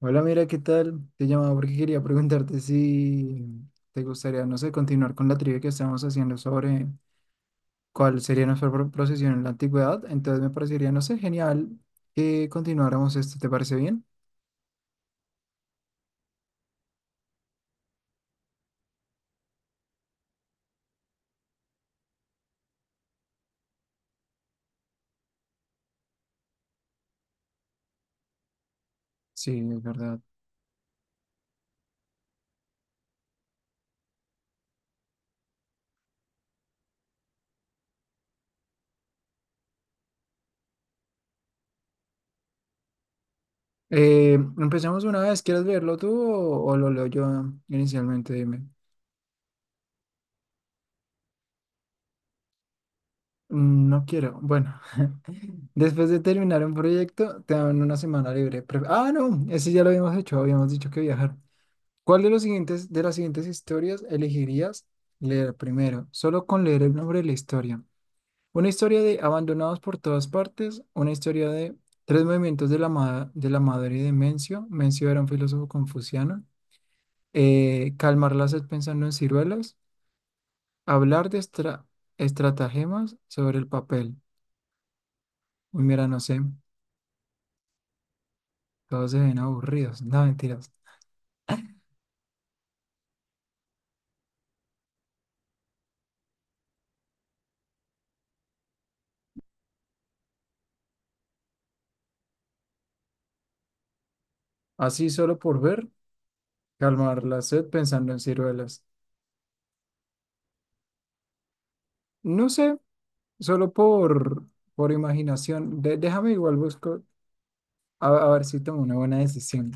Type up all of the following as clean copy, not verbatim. Hola, mira, ¿qué tal? Te llamaba porque quería preguntarte si te gustaría, no sé, continuar con la trivia que estamos haciendo sobre cuál sería nuestra procesión en la antigüedad. Entonces me parecería, no sé, genial que continuáramos esto. ¿Te parece bien? Sí, es verdad. Empecemos una vez. ¿Quieres leerlo tú o lo leo yo inicialmente? Dime. Mm, no quiero. Bueno, después de terminar un proyecto, te dan una semana libre. No, ese ya lo habíamos hecho. Habíamos dicho que viajar. ¿Cuál de de las siguientes historias elegirías leer primero? Solo con leer el nombre de la historia. Una historia de Abandonados por todas partes, una historia de Tres movimientos de de la madre de Mencio. Mencio era un filósofo confuciano. Calmar la sed pensando en ciruelas. Hablar de estratagemas sobre el papel. Uy, mira, no sé, todos se ven aburridos. No, mentiras. Así solo por ver, calmar la sed pensando en ciruelas. No sé. Solo por, por imaginación. Déjame igual busco a ver si tomo una buena decisión.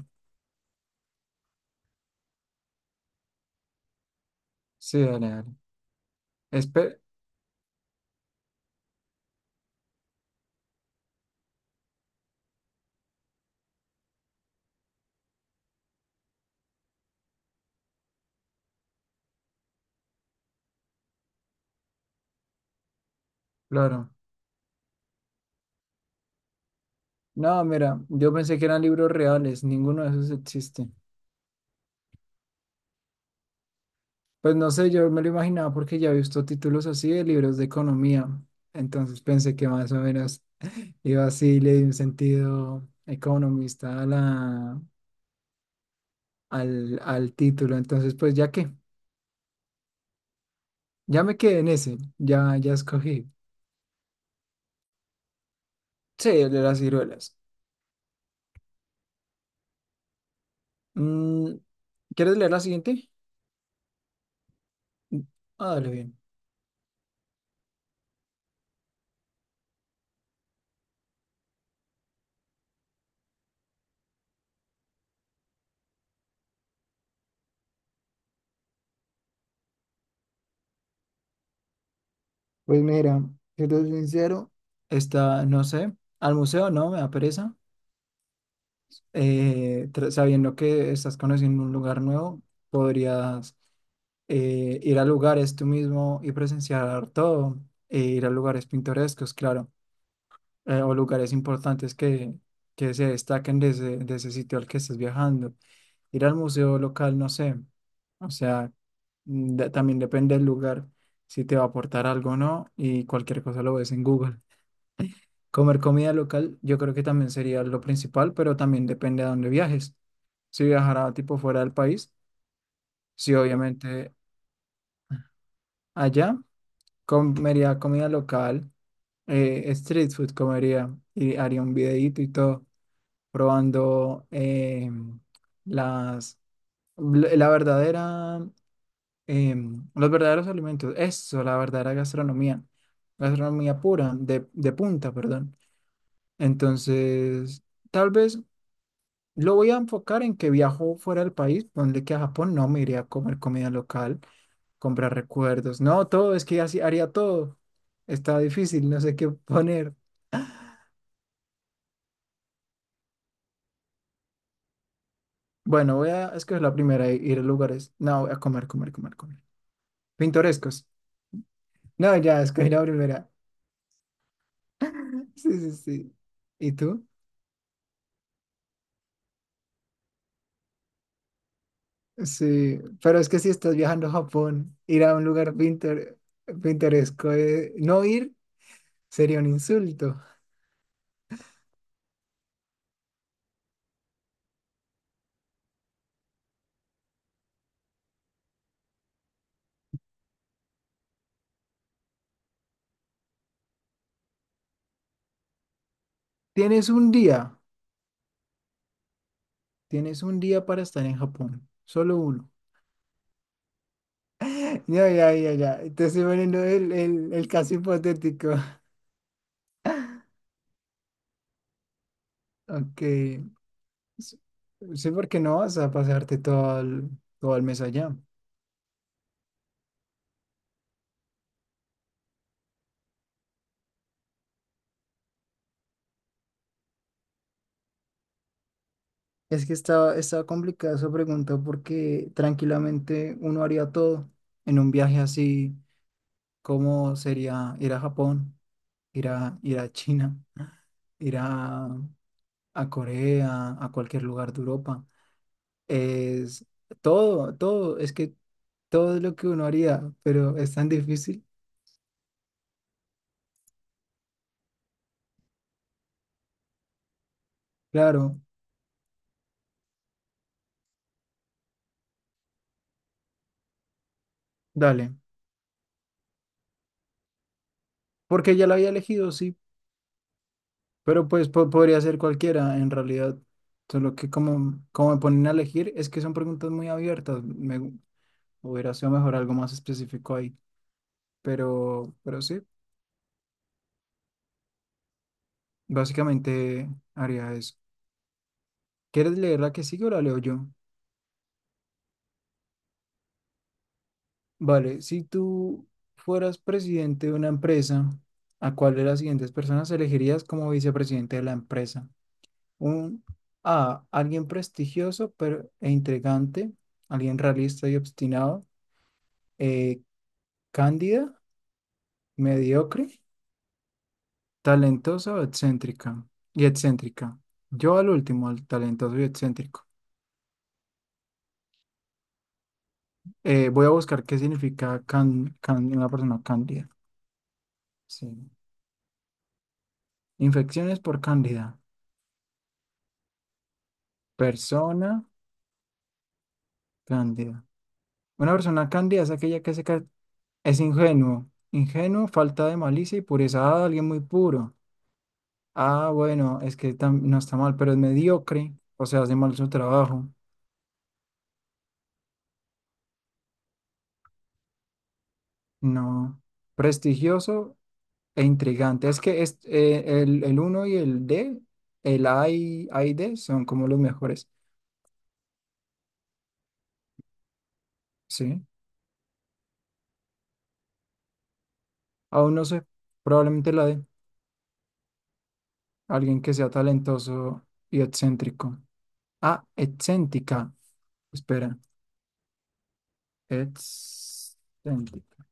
Sí, dale, dale. Espe- claro. No, mira, yo pensé que eran libros reales, ninguno de esos existe. Pues no sé, yo me lo imaginaba porque ya he visto títulos así de libros de economía. Entonces pensé que más o menos iba así, le di un sentido economista a al título. Entonces, pues ya que, ya me quedé en ese, ya, ya escogí. Sí, el de las ciruelas. Mm, ¿quieres leer la siguiente? Mm, ah, dale bien. Pues mira, si te soy sincero, esta, no sé, al museo no, me da pereza. Sabiendo que estás conociendo un lugar nuevo, podrías ir a lugares tú mismo y presenciar todo, e ir a lugares pintorescos, claro, o lugares importantes que se destaquen de ese sitio al que estás viajando. Ir al museo local, no sé. O sea, mm, también depende del lugar, si te va a aportar algo o no, y cualquier cosa lo ves en Google. Comer comida local, yo creo que también sería lo principal, pero también depende a dónde viajes. Si viajara tipo fuera del país, sí, obviamente allá comería comida local, street food comería y haría un videíto y todo, probando las, la verdadera los verdaderos alimentos, eso, la verdadera gastronomía, gastronomía pura, de punta, perdón. Entonces, tal vez lo voy a enfocar en que viajo fuera del país, ponle que a Japón no me iría a comer comida local, comprar recuerdos, no, todo, es que así haría todo. Está difícil, no sé qué poner. Bueno, voy a escoger la primera, i- ir a lugares, no, voy a comer, comer, comer, comer. Pintorescos. No, ya, escogí la primera. Sí, sí, sí. ¿Y tú? Sí, pero es que si estás viajando a Japón, ir a un lugar pintoresco, no ir sería un insulto. Tienes un día, tienes un día para estar en Japón, solo uno. Ya, ya, ya, ya, te estoy poniendo el caso hipotético. Ok, s- sí, porque no vas a pasarte todo el mes allá. Es que estaba complicada esa pregunta porque tranquilamente uno haría todo en un viaje así. ¿Cómo sería ir a Japón? Ir a China, ir a Corea, a cualquier lugar de Europa. Es todo, todo, es que todo es lo que uno haría, pero es tan difícil. Claro, dale. Porque ya lo había elegido, sí, pero pues podría ser cualquiera en realidad. Solo que como me ponen a elegir, es que son preguntas muy abiertas. Me gu- hubiera sido mejor algo más específico ahí. Pero sí, básicamente haría eso. ¿Quieres leer la que sigue o la leo yo? Vale, si tú fueras presidente de una empresa, ¿a cuál de las siguientes personas elegirías como vicepresidente de la empresa? Un Alguien prestigioso e intrigante, alguien realista y obstinado, eh, cándida, mediocre, talentosa o excéntrica y excéntrica. Yo al último, al talentoso y excéntrico. Voy a buscar qué significa una persona cándida. Sí. Infecciones por cándida. Persona. Cándida. Una persona cándida es aquella es ingenuo. Ingenuo, falta de malicia y pureza. Ah, alguien muy puro. Ah, bueno, es que no está mal, pero es mediocre. O sea, hace mal su trabajo. No. Prestigioso e intrigante. Es que es, el uno y el D, A y D son como los mejores. Sí. Aún no sé. Probablemente la D. Alguien que sea talentoso y excéntrico. Ah, excéntrica. Espera. Excéntrica.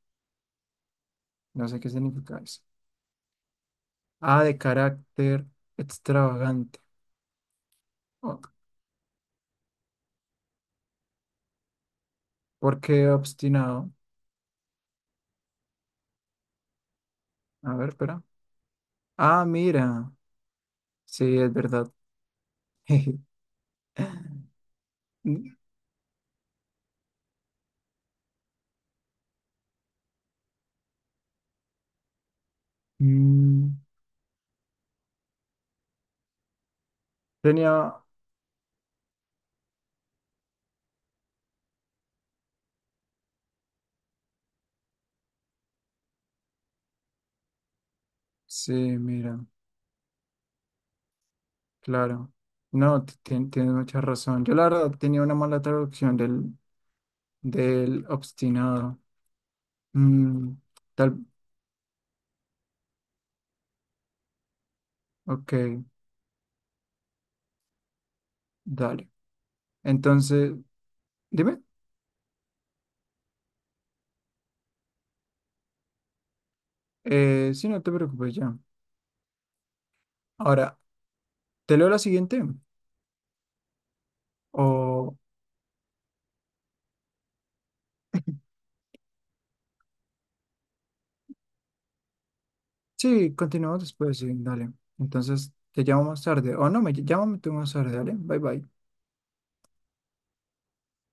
No sé qué significa eso. A de carácter extravagante. Oh, ¿por qué obstinado? A ver, espera. Ah, mira. Sí, es verdad. Mm, tenía. Sí, mira, claro. No, tienes mucha razón. Yo la verdad tenía una mala traducción del obstinado. Mm, tal. Ok, dale. Entonces, dime. Sí, no te preocupes ya. Ahora, ¿te leo la siguiente? O. Sí, continuamos después, sí, dale. Entonces, te llamo más tarde. O no, me llamo tú más tarde, dale. Bye bye.